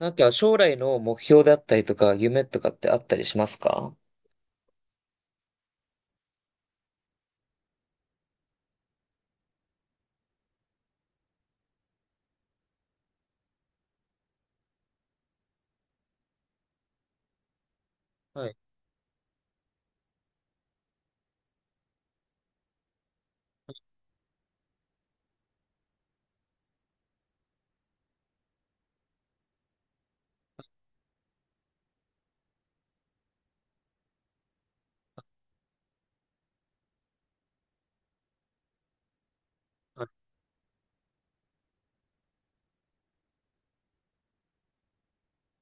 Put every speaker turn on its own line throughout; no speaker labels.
なんか将来の目標であったりとか、夢とかってあったりしますか？はい。はい。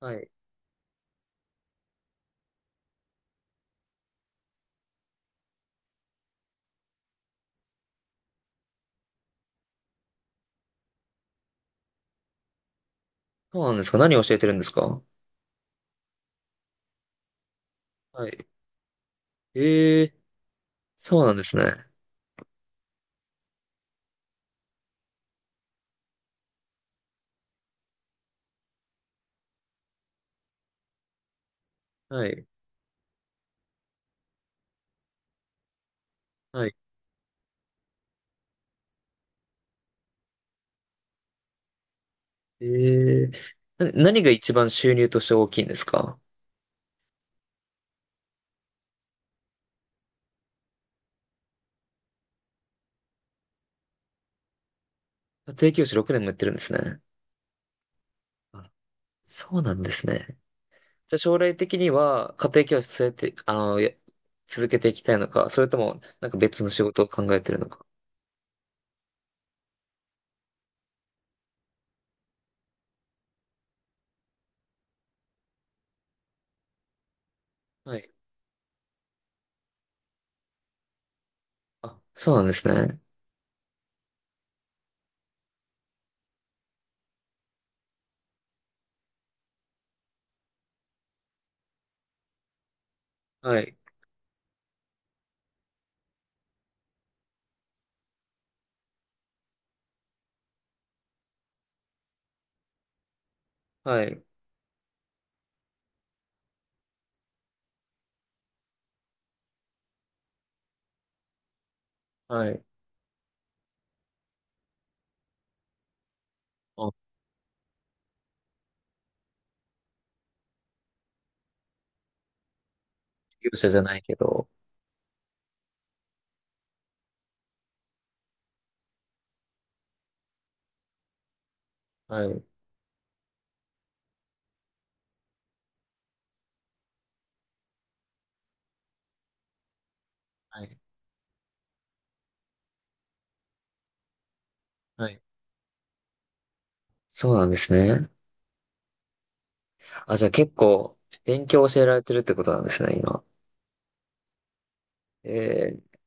はい。そうなんですか？何を教えてるんですか？はい。ええ、そうなんですね。はい。はい。ええ、何が一番収入として大きいんですか？家庭教師6年もやってるんですね。あ、そうなんですね。じゃあ将来的には家庭教師続けて、あの、続けていきたいのか、それともなんか別の仕事を考えてるのか。はい。あ、そうなんですね。はい。はい。はい。あ、業者じゃないけど。はい。はい。はい。そうなんですね。あ、じゃあ結構、勉強を教えられてるってことなんですね、今。えー、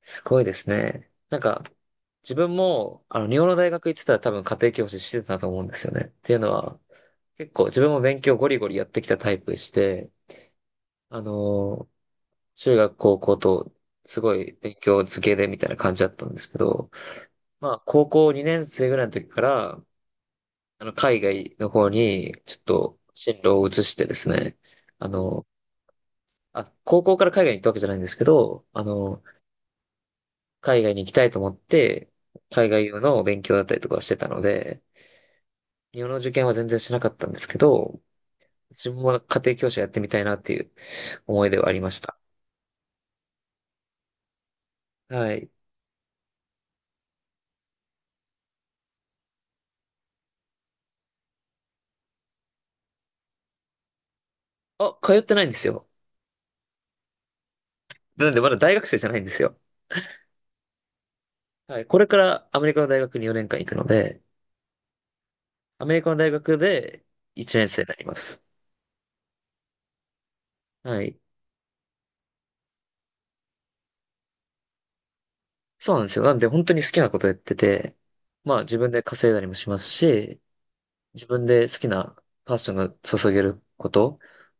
すごいですね。なんか、自分も、あの、日本の大学行ってたら多分家庭教師してたと思うんですよね。っていうのは、結構自分も勉強ゴリゴリやってきたタイプでして、あのー、中学、高校と、すごい勉強漬けでみたいな感じだったんですけど、まあ、高校2年生ぐらいの時から、あの、海外の方に、ちょっと、進路を移してですね、あの、あ、高校から海外に行ったわけじゃないんですけど、あの、海外に行きたいと思って、海外用の勉強だったりとかしてたので、日本の受験は全然しなかったんですけど、自分は家庭教師やってみたいなっていう思いではありました。はい。あ、通ってないんですよ。なんでまだ大学生じゃないんですよ。はい。これからアメリカの大学に4年間行くので、アメリカの大学で1年生になります。はい。そうなんですよ。なんで本当に好きなことやってて、まあ自分で稼いだりもしますし、自分で好きなパッションが注げること、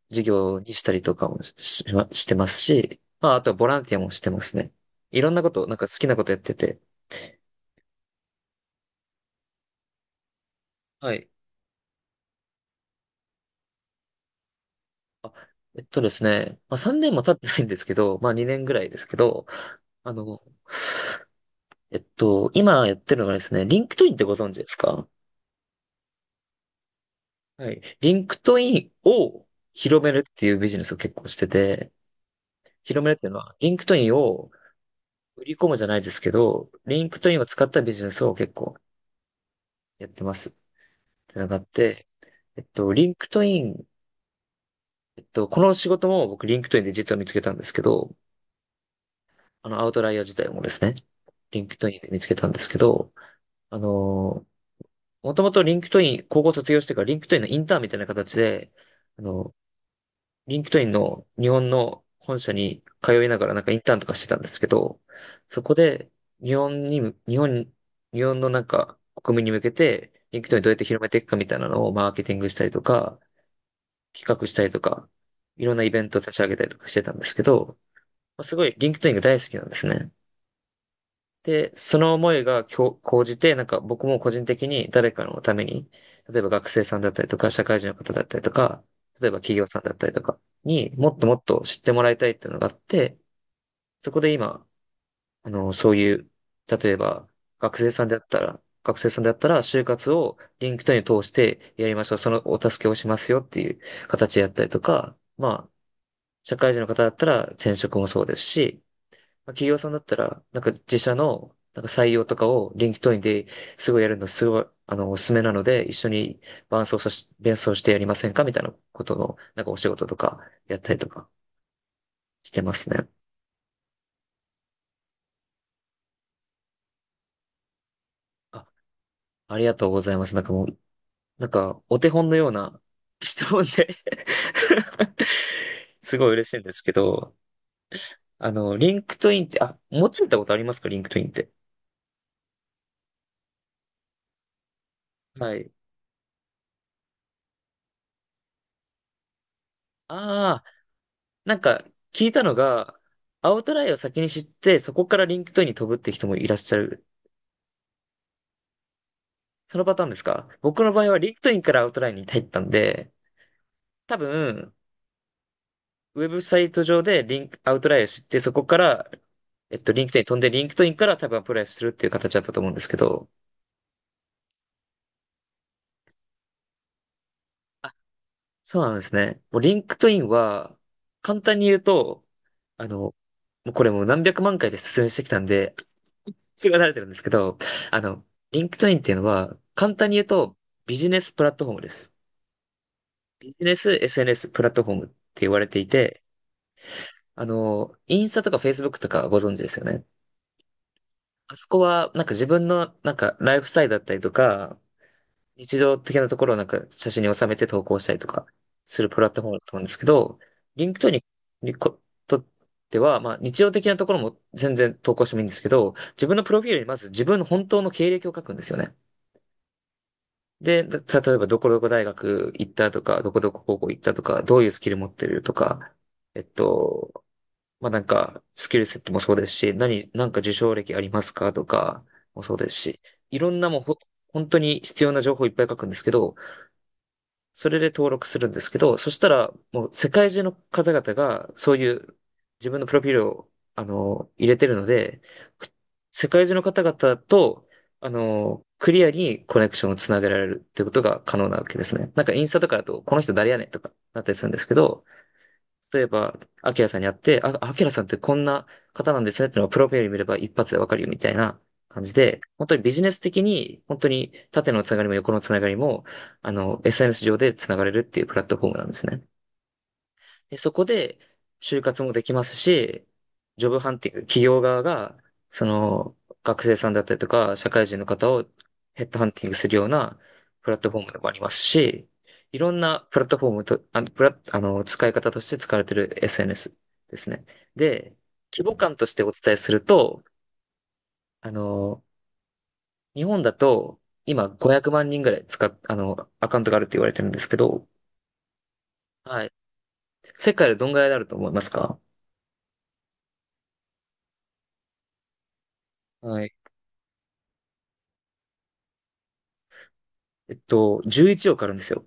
事業にしたりとかもししてますし、まああとはボランティアもしてますね。いろんなこと、なんか好きなことやってて。はい。あ、えっとですね、まあ3年も経ってないんですけど、まあ2年ぐらいですけど、あの、今やってるのがですね、リンクトインってご存知ですか？はい。リンクトインを広めるっていうビジネスを結構してて、広めるっていうのは、リンクトインを売り込むじゃないですけど、リンクトインを使ったビジネスを結構やってますってのがあって、えっと、リンクトイン、えっと、この仕事も僕リンクトインで実は見つけたんですけど、あの、アウトライヤー自体もですね、リンクトインで見つけたんですけど、あの、もともとリンクトイン、高校卒業してからリンクトインのインターンみたいな形で、あの、リンクトインの日本の本社に通いながらなんかインターンとかしてたんですけど、そこで日本に、日本、日本のなんか国民に向けて、リンクトインどうやって広めていくかみたいなのをマーケティングしたりとか、企画したりとか、いろんなイベント立ち上げたりとかしてたんですけど、まあすごいリンクトインが大好きなんですね。で、その思いが今日じて、なんか僕も個人的に誰かのために、例えば学生さんだったりとか、社会人の方だったりとか、例えば企業さんだったりとかにもっともっと知ってもらいたいっていうのがあって、そこで今、あの、そういう、例えば学生さんであったら、学生さんであったら、就活をリンクトインを通してやりましょう。そのお助けをしますよっていう形でやったりとか、まあ、社会人の方だったら転職もそうですし、まあ、企業さんだったら、なんか自社のなんか採用とかを LinkedIn ですごいやるのすごい、あの、おすすめなので、一緒に伴奏してやりませんかみたいなことの、なんかお仕事とかやったりとかしてますね。あ、ありがとうございます。なんかもう、なんかお手本のような 質問で すごい嬉しいんですけど、あの、LinkedIn って、あ、持ってたことありますか？ LinkedIn って。はい。ああ、なんか、聞いたのが、アウトラインを先に知って、そこからリンクトインに飛ぶって人もいらっしゃる。そのパターンですか？僕の場合はリンクトインからアウトラインに入ったんで、多分、ウェブサイト上でリンク、アウトラインを知って、そこから、リンクトインに飛んで、リンクトインから多分アプライするっていう形だったと思うんですけど、あ、そうなんですね。もうリンクトインは、簡単に言うと、あの、もうこれもう何百万回で説明してきたんで、すごい慣れてるんですけど、あの、リンクトインっていうのは、簡単に言うと、ビジネスプラットフォームです。ビジネス SNS プラットフォームって言われていて、あの、インスタとかフェイスブックとかご存知ですよね。あそこは、なんか自分の、なんかライフスタイルだったりとか、日常的なところをなんか写真に収めて投稿したりとかするプラットフォームだと思うんですけど、リンクトインににことっては、まあ日常的なところも全然投稿してもいいんですけど、自分のプロフィールにまず自分の本当の経歴を書くんですよね。で、例えばどこどこ大学行ったとか、どこどこ高校行ったとか、どういうスキル持ってるとか、えっと、まあ、なんか、スキルセットもそうですし、なんか受賞歴ありますかとかもそうですし、いろんなもうほ、本当に必要な情報いっぱい書くんですけど、それで登録するんですけど、そしたら、もう世界中の方々が、そういう自分のプロフィールを、あの、入れてるので、世界中の方々と、あの、クリアにコネクションをつなげられるってことが可能なわけですね。なんかインスタとかだと、この人誰やねんとかなったりするんですけど、例えば、アキラさんに会って、あ、アキラさんってこんな方なんですねっていうのがプロフィール見れば一発でわかるよみたいな感じで、本当にビジネス的に、本当に縦のつながりも横のつながりも、あの、SNS 上でつながれるっていうプラットフォームなんですね。で、そこで就活もできますし、ジョブハンティング、企業側が、その、学生さんだったりとか、社会人の方をヘッドハンティングするようなプラットフォームでもありますし、いろんなプラットフォームと、あ、あの、使い方として使われている SNS ですね。で、規模感としてお伝えすると、あの、日本だと、今500万人ぐらいあの、アカウントがあるって言われてるんですけど、はい。世界でどんぐらいになると思いますか？はい。11億あるんですよ。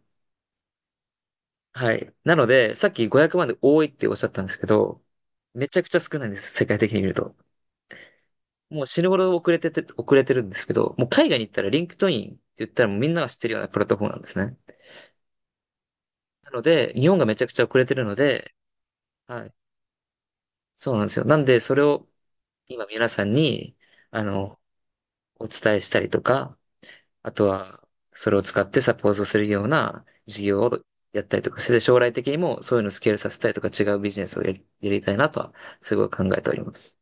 はい。なので、さっき500万で多いっておっしゃったんですけど、めちゃくちゃ少ないんです、世界的に見ると。もう死ぬほど遅れてるんですけど、もう海外に行ったらリンクトインって言ったらもうみんなが知ってるようなプラットフォームなんですね。なので、日本がめちゃくちゃ遅れてるので、はい。そうなんですよ。なんで、それを今皆さんに、あの、お伝えしたりとか、あとは、それを使ってサポートするような事業をやったりとかして、将来的にもそういうのをスケールさせたりとか違うビジネスをやりたいなとは、すごい考えております。